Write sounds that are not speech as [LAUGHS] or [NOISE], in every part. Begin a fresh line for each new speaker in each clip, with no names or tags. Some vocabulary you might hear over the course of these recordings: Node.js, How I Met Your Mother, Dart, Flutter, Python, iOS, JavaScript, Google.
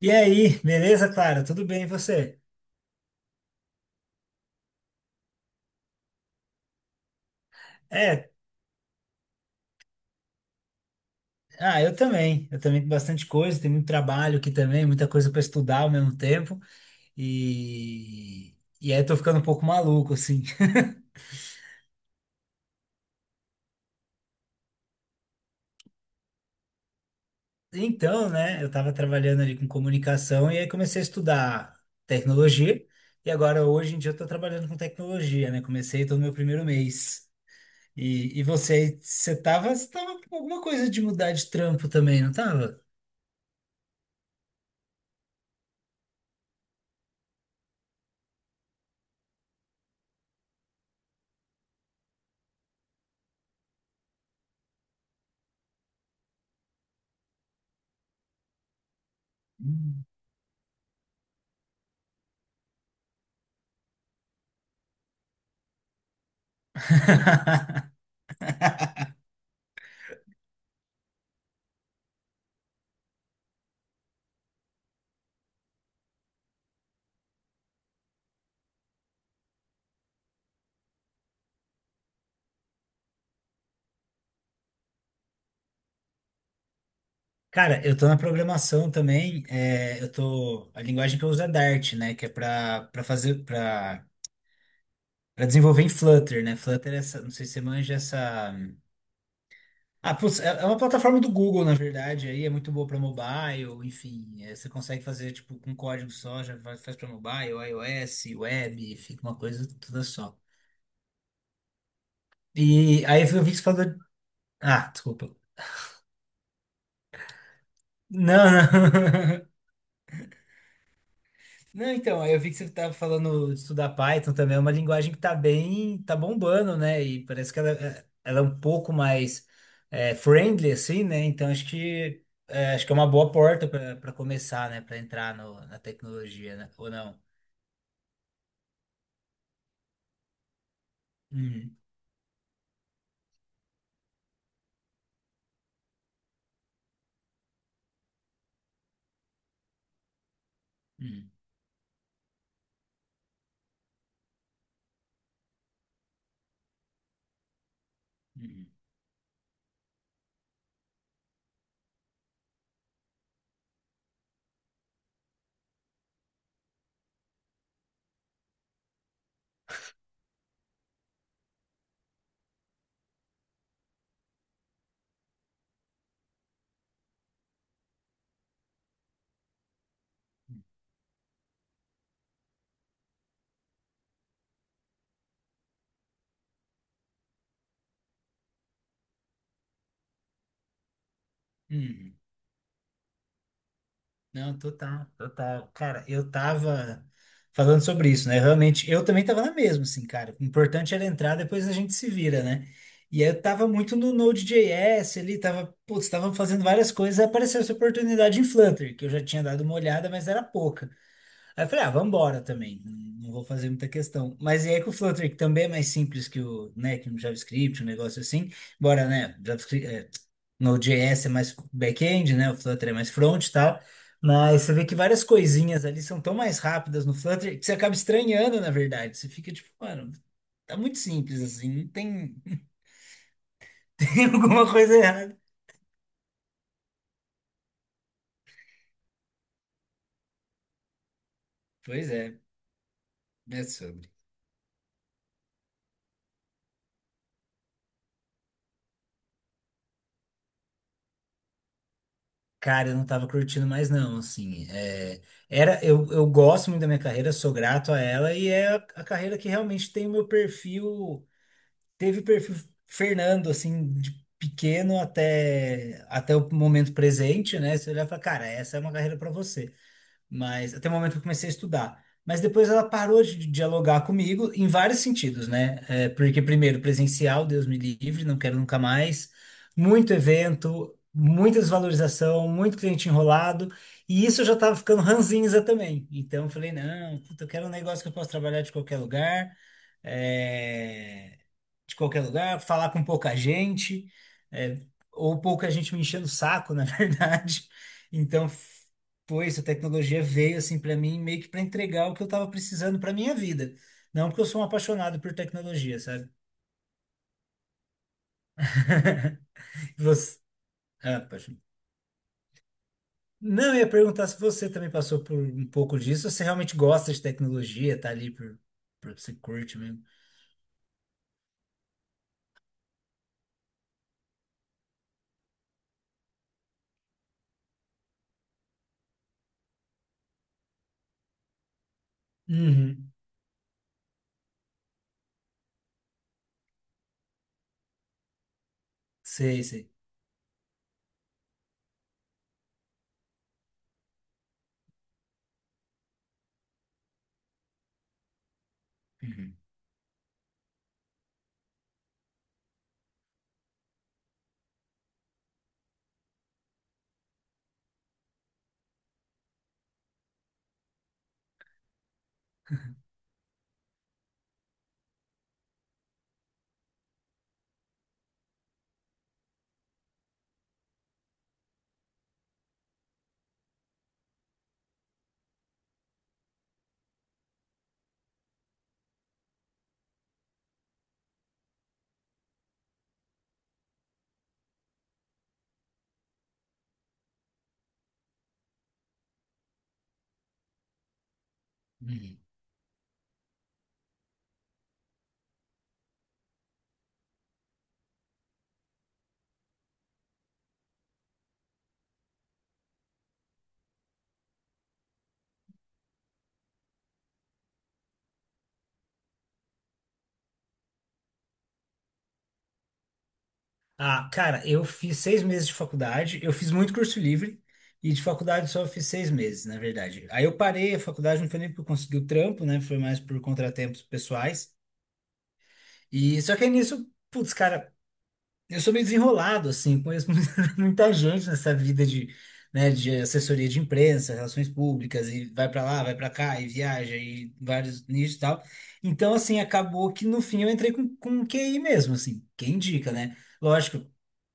E aí, beleza, Clara? Tudo bem, e você? É, ah, eu também. Eu também tenho bastante coisa, tem muito trabalho aqui também, muita coisa para estudar ao mesmo tempo. E aí eu tô ficando um pouco maluco, assim. [LAUGHS] Então, né, eu tava trabalhando ali com comunicação e aí comecei a estudar tecnologia. E agora, hoje em dia, eu tô trabalhando com tecnologia, né? Comecei tô no meu primeiro mês. E você, você tava com alguma coisa de mudar de trampo também, não tava? Hum. [LAUGHS] Cara, eu tô na programação também, é, eu tô, a linguagem que eu uso é Dart, né, que é pra, pra fazer, pra, pra desenvolver em Flutter, né, Flutter é essa, não sei se você manja essa, ah, putz, é uma plataforma do Google, na verdade, aí é muito boa pra mobile, enfim, é, você consegue fazer, tipo, com código só, já faz pra mobile, iOS, web, fica uma coisa toda só. E aí eu vi que você falou, ah, desculpa, não, [LAUGHS] Não, então, aí eu vi que você estava falando de estudar Python também, é uma linguagem que tá bem, tá bombando, né? E parece que ela é um pouco mais é, friendly, assim, né? Então acho que é uma boa porta para começar, né? Para entrar no- na tecnologia, né? Ou não? Uhum, uhum, uhum, uhum. Não, total, total. Cara, eu tava falando sobre isso, né? Realmente, eu também tava na mesma, assim, cara. O importante era entrar, depois a gente se vira, né? E aí eu tava muito no Node.js ali, tava, putz, tava fazendo várias coisas, aí apareceu essa oportunidade em Flutter, que eu já tinha dado uma olhada, mas era pouca. Aí eu falei, ah, vambora também, não vou fazer muita questão. Mas e aí com o Flutter, que também é mais simples que o, né, que o JavaScript, um negócio assim, embora, né, JavaScript, é, Node.js é mais back-end, né, o Flutter é mais front e tal, mas você vê que várias coisinhas ali são tão mais rápidas no Flutter que você acaba estranhando, na verdade. Você fica tipo, mano, tá muito simples assim, não tem, [LAUGHS] tem alguma coisa errada. Pois é, é sobre. Cara, eu não tava curtindo mais não, assim, é, era, eu gosto muito da minha carreira, sou grato a ela, e é a carreira que realmente tem o meu perfil, teve perfil Fernando, assim, de pequeno até, até o momento presente, né, você olhar e fala, cara, essa é uma carreira pra você mas até o momento que eu comecei a estudar. Mas depois ela parou de dialogar comigo em vários sentidos, né? É, porque, primeiro, presencial, Deus me livre, não quero nunca mais. Muito evento, muita desvalorização, muito cliente enrolado. E isso eu já estava ficando ranzinza também. Então, eu falei, não, puta, eu quero um negócio que eu posso trabalhar de qualquer lugar é, de qualquer lugar, falar com pouca gente, é, ou pouca gente me enchendo o saco, na [LAUGHS] verdade. Então, foi isso, a tecnologia veio assim para mim, meio que para entregar o que eu estava precisando para minha vida. Não porque eu sou um apaixonado por tecnologia, sabe? Você... Ah, apaixonado. Não, eu ia perguntar se você também passou por um pouco disso, se você realmente gosta de tecnologia, tá ali por você curte mesmo. Uhum. Sei, sei. Uhum. [LAUGHS] Uhum. Ah, cara, eu fiz 6 meses de faculdade, eu fiz muito curso livre e de faculdade só fiz 6 meses, na verdade. Aí eu parei a faculdade, não foi nem por conseguir o trampo, né? Foi mais por contratempos pessoais. E só que aí nisso, putz, cara, eu sou meio desenrolado, assim, conheço [LAUGHS] muita gente nessa vida de, né, de assessoria de imprensa, relações públicas, e vai pra lá, vai pra cá, e viaja, e vários nichos e tal. Então, assim, acabou que no fim eu entrei com QI mesmo, assim, quem indica, né? Lógico,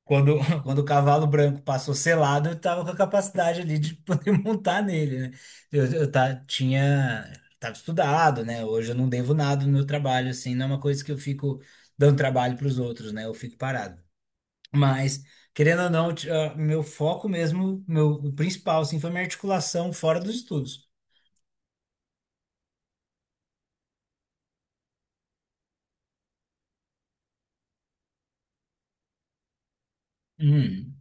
[LAUGHS] quando o cavalo branco passou selado, eu tava com a capacidade ali de poder [LAUGHS] montar nele, né? Eu tava estudado, né? Hoje eu não devo nada no meu trabalho, assim, não é uma coisa que eu fico dando trabalho para os outros, né? Eu fico parado. Mas, querendo ou não, ah, meu foco mesmo, meu, o principal, assim, foi minha articulação fora dos estudos. Hum,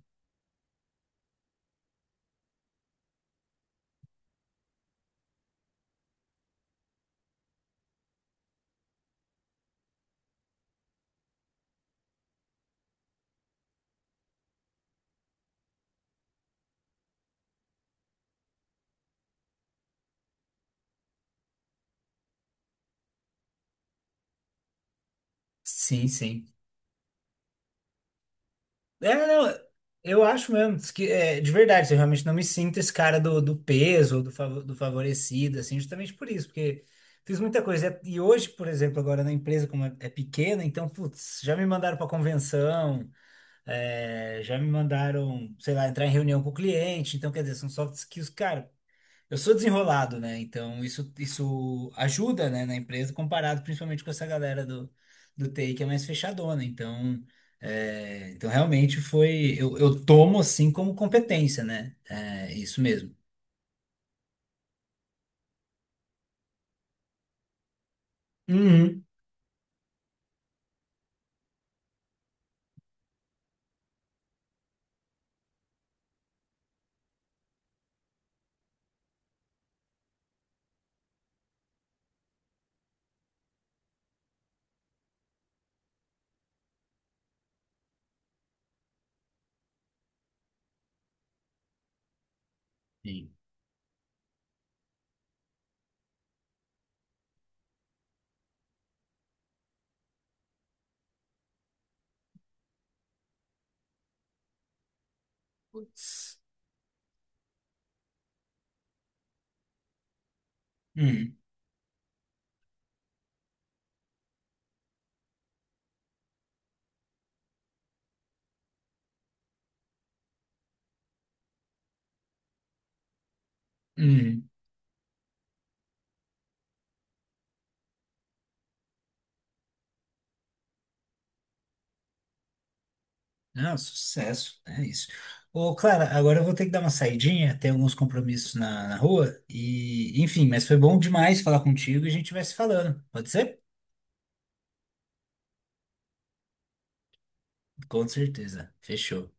sim, sim. É, não, eu acho mesmo diz que é, de verdade, eu realmente não me sinto esse cara do, do peso, do, do favorecido, assim, justamente por isso, porque fiz muita coisa. É, e hoje, por exemplo, agora na empresa, como é, é pequena, então, putz, já me mandaram para convenção, é, já me mandaram, sei lá, entrar em reunião com o cliente, então, quer dizer, são soft skills, cara, eu sou desenrolado, né? Então isso ajuda, né, na empresa, comparado principalmente com essa galera do, do TI que é mais fechadona. Então, é, então realmente foi. Eu tomo assim como competência, né? É isso mesmo. Uhum. Sim. Putz. Uhum, uhum. Não, sucesso, é isso. Ô, Clara, agora eu vou ter que dar uma saidinha, tem alguns compromissos na, na rua, e enfim, mas foi bom demais falar contigo e a gente vai se falando, pode ser? Com certeza. Fechou. Tchau.